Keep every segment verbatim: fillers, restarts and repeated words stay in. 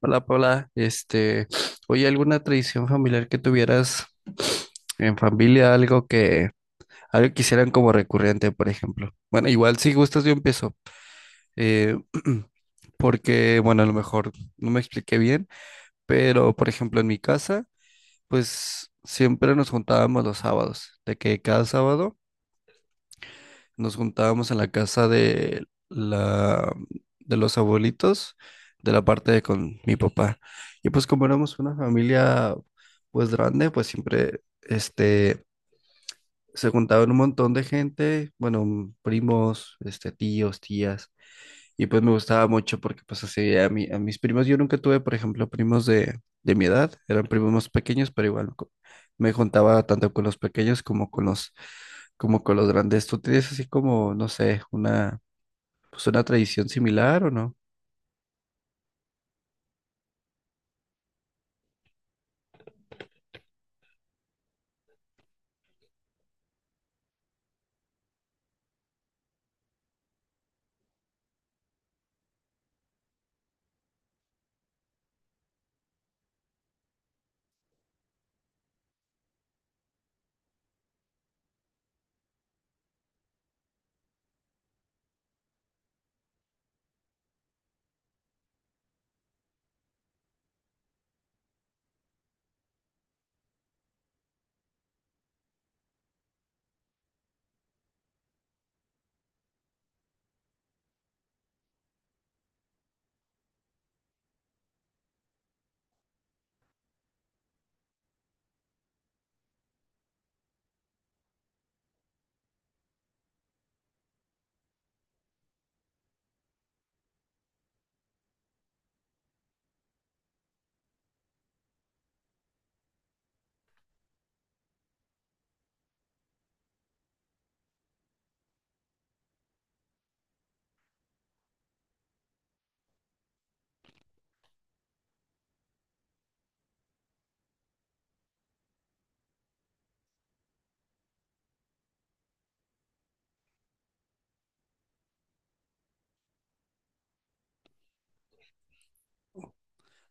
Hola Paula, este, oye, ¿alguna tradición familiar que tuvieras en familia? Algo que, algo que quisieran como recurrente, por ejemplo. Bueno, igual si gustas yo empiezo, eh, porque, bueno, a lo mejor no me expliqué bien, pero por ejemplo en mi casa, pues siempre nos juntábamos los sábados, de que cada sábado nos juntábamos en la casa de la de los abuelitos, de la parte de con mi papá. Y pues como éramos una familia pues grande, pues siempre este se juntaban un montón de gente, bueno, primos, este tíos, tías. Y pues me gustaba mucho porque pues así a mí, a mis primos, yo nunca tuve, por ejemplo, primos de, de mi edad, eran primos más pequeños, pero igual co- me juntaba tanto con los pequeños como con los, como con los grandes. ¿Tú tienes así como, no sé, una, pues una tradición similar o no?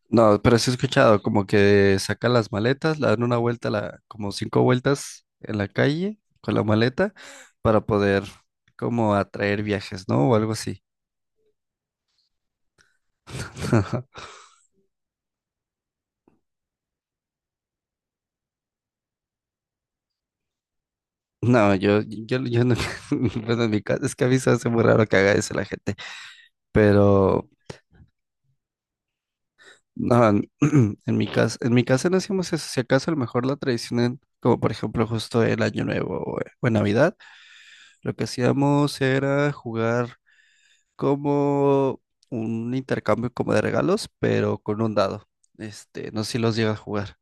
No, pero sí he escuchado como que sacan las maletas, la dan una vuelta, la, como cinco vueltas en la calle con la maleta para poder como atraer viajes, ¿no? O algo así. No, yo, yo, yo no, bueno, en mi caso, es que a mí se hace muy raro que haga eso la gente, pero no, en, en mi casa, en mi casa no hacíamos eso, si acaso a lo mejor la tradición, en- como por ejemplo justo el Año Nuevo o, o en Navidad, lo que hacíamos era jugar como un intercambio como de regalos, pero con un dado, este, no sé si los llega a jugar.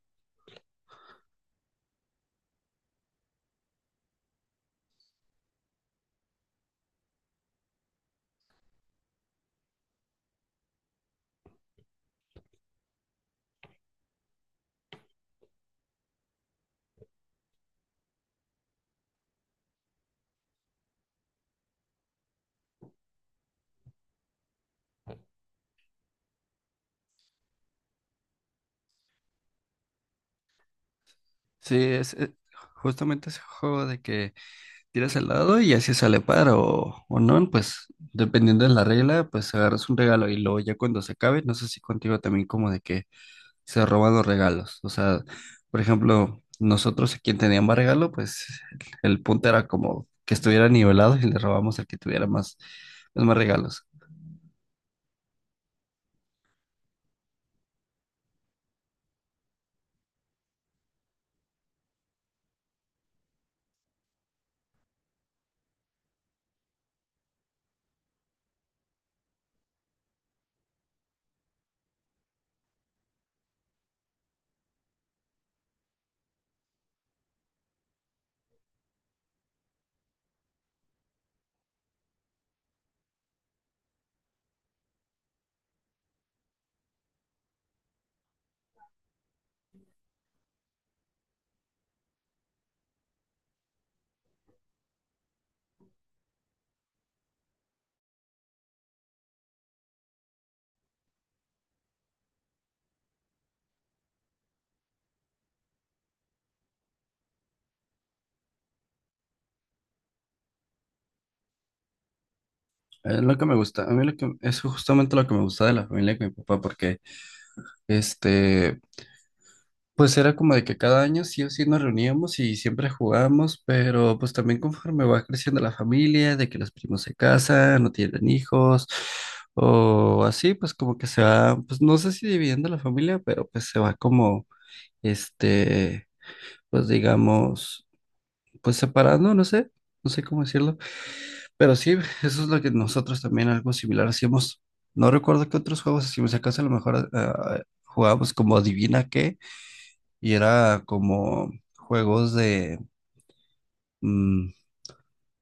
Sí, es, es justamente ese juego de que tiras al dado y así sale par o, o no, pues dependiendo de la regla, pues agarras un regalo y luego ya cuando se acabe, no sé si contigo también como de que se roban los regalos, o sea, por ejemplo, nosotros a quien tenía más regalo, pues el punto era como que estuviera nivelado y le robamos al que tuviera más, pues, más regalos. Es lo que me gusta, a mí lo que, es justamente lo que me gusta de la familia con mi papá porque este... Pues era como de que cada año sí o sí nos reuníamos y siempre jugábamos, pero pues también conforme va creciendo la familia, de que los primos se casan, no tienen hijos, o así, pues como que se va, pues no sé si dividiendo la familia, pero pues se va como, este, pues digamos, pues separando, no sé, no sé cómo decirlo, pero sí, eso es lo que nosotros también algo similar hacíamos. No recuerdo qué otros juegos hacíamos, si acaso a lo mejor ah, jugábamos como adivina qué y era como juegos de, mm,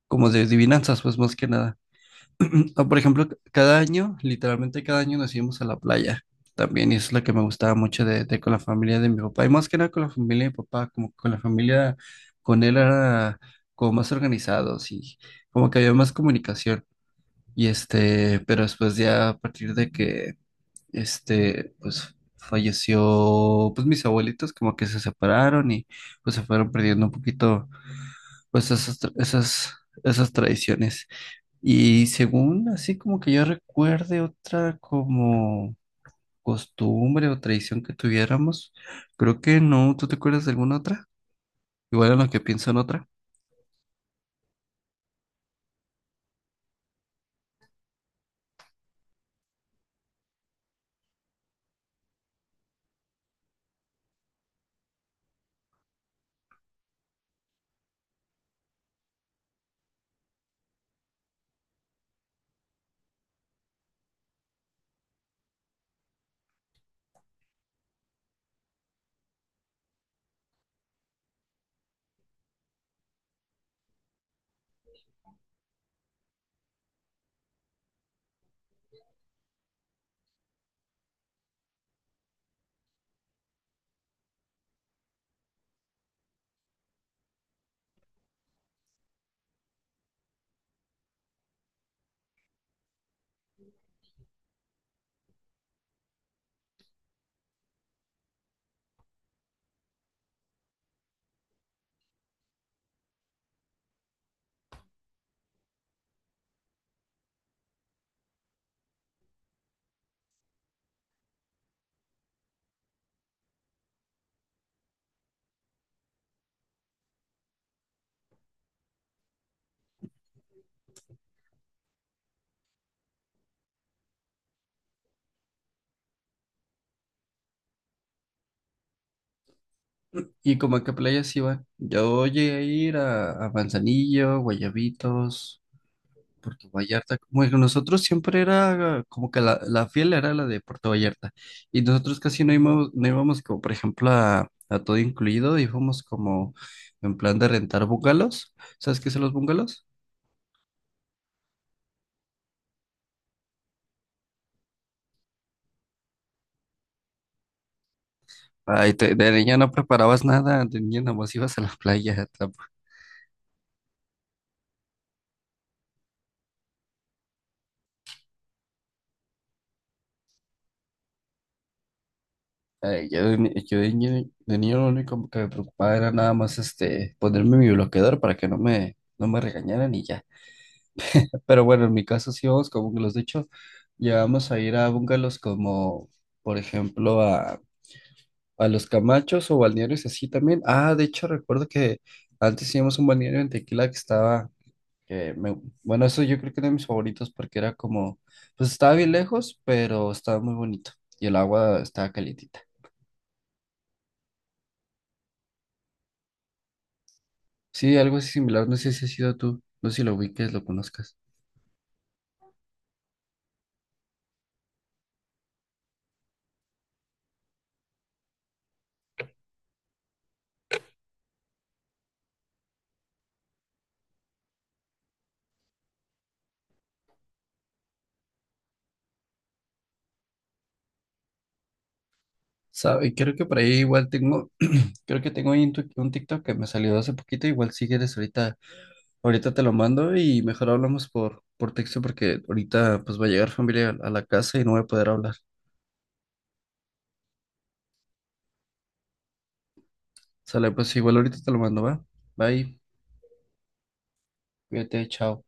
como de adivinanzas, pues más que nada. O, por ejemplo, c- cada año, literalmente cada año nos íbamos a la playa también, y eso es lo que me gustaba mucho de, de con la familia de mi papá, y más que nada con la familia de mi papá, como que con la familia, con él era como más organizados y como que había más comunicación. Y este, pero después ya a partir de que, este, pues falleció, pues mis abuelitos como que se separaron y pues se fueron perdiendo un poquito pues esas, tra- esas, esas tradiciones. Y según así como que yo recuerde otra como costumbre o tradición que tuviéramos, creo que no, ¿tú te acuerdas de alguna otra? Igual en lo que pienso en otra. ¿Y como a qué playas iban? Yo llegué a ir a, a Manzanillo, Guayabitos. Puerto Vallarta. Bueno, nosotros siempre era como que la, la fiel era la de Puerto Vallarta. Y nosotros casi no íbamos, no íbamos como, por ejemplo, a, a todo incluido, íbamos como en plan de rentar bungalows. ¿Sabes qué son los bungalows? Ay, te- de niña no preparabas nada, de niña nomás ibas a la playa. Tam- Ay, yo de, ni- yo de niño, de niño lo único que me preocupaba era nada más este, ponerme mi bloqueador para que no me, no me regañaran y ya. Pero bueno, en mi caso sí vamos con bungalows. De hecho, ya vamos a ir a bungalows como, por ejemplo, a, a Los Camachos o balnearios así también. Ah, de hecho, recuerdo que antes íbamos a un balneario en Tequila que estaba, que me, bueno, eso yo creo que era de mis favoritos porque era como, pues estaba bien lejos, pero estaba muy bonito y el agua estaba calientita. Sí, algo así similar, no sé si ha sido tú, no sé si lo ubiques, lo conozcas. ¿Sabe? Creo que por ahí igual tengo... Creo que tengo ahí un, tu- un TikTok que me salió hace poquito, igual si quieres ahorita ahorita te lo mando y mejor hablamos por, por texto porque ahorita pues va a llegar familia a a la casa y no voy a poder hablar. Sale, pues igual ahorita te lo mando, ¿va? Bye, cuídate, chao.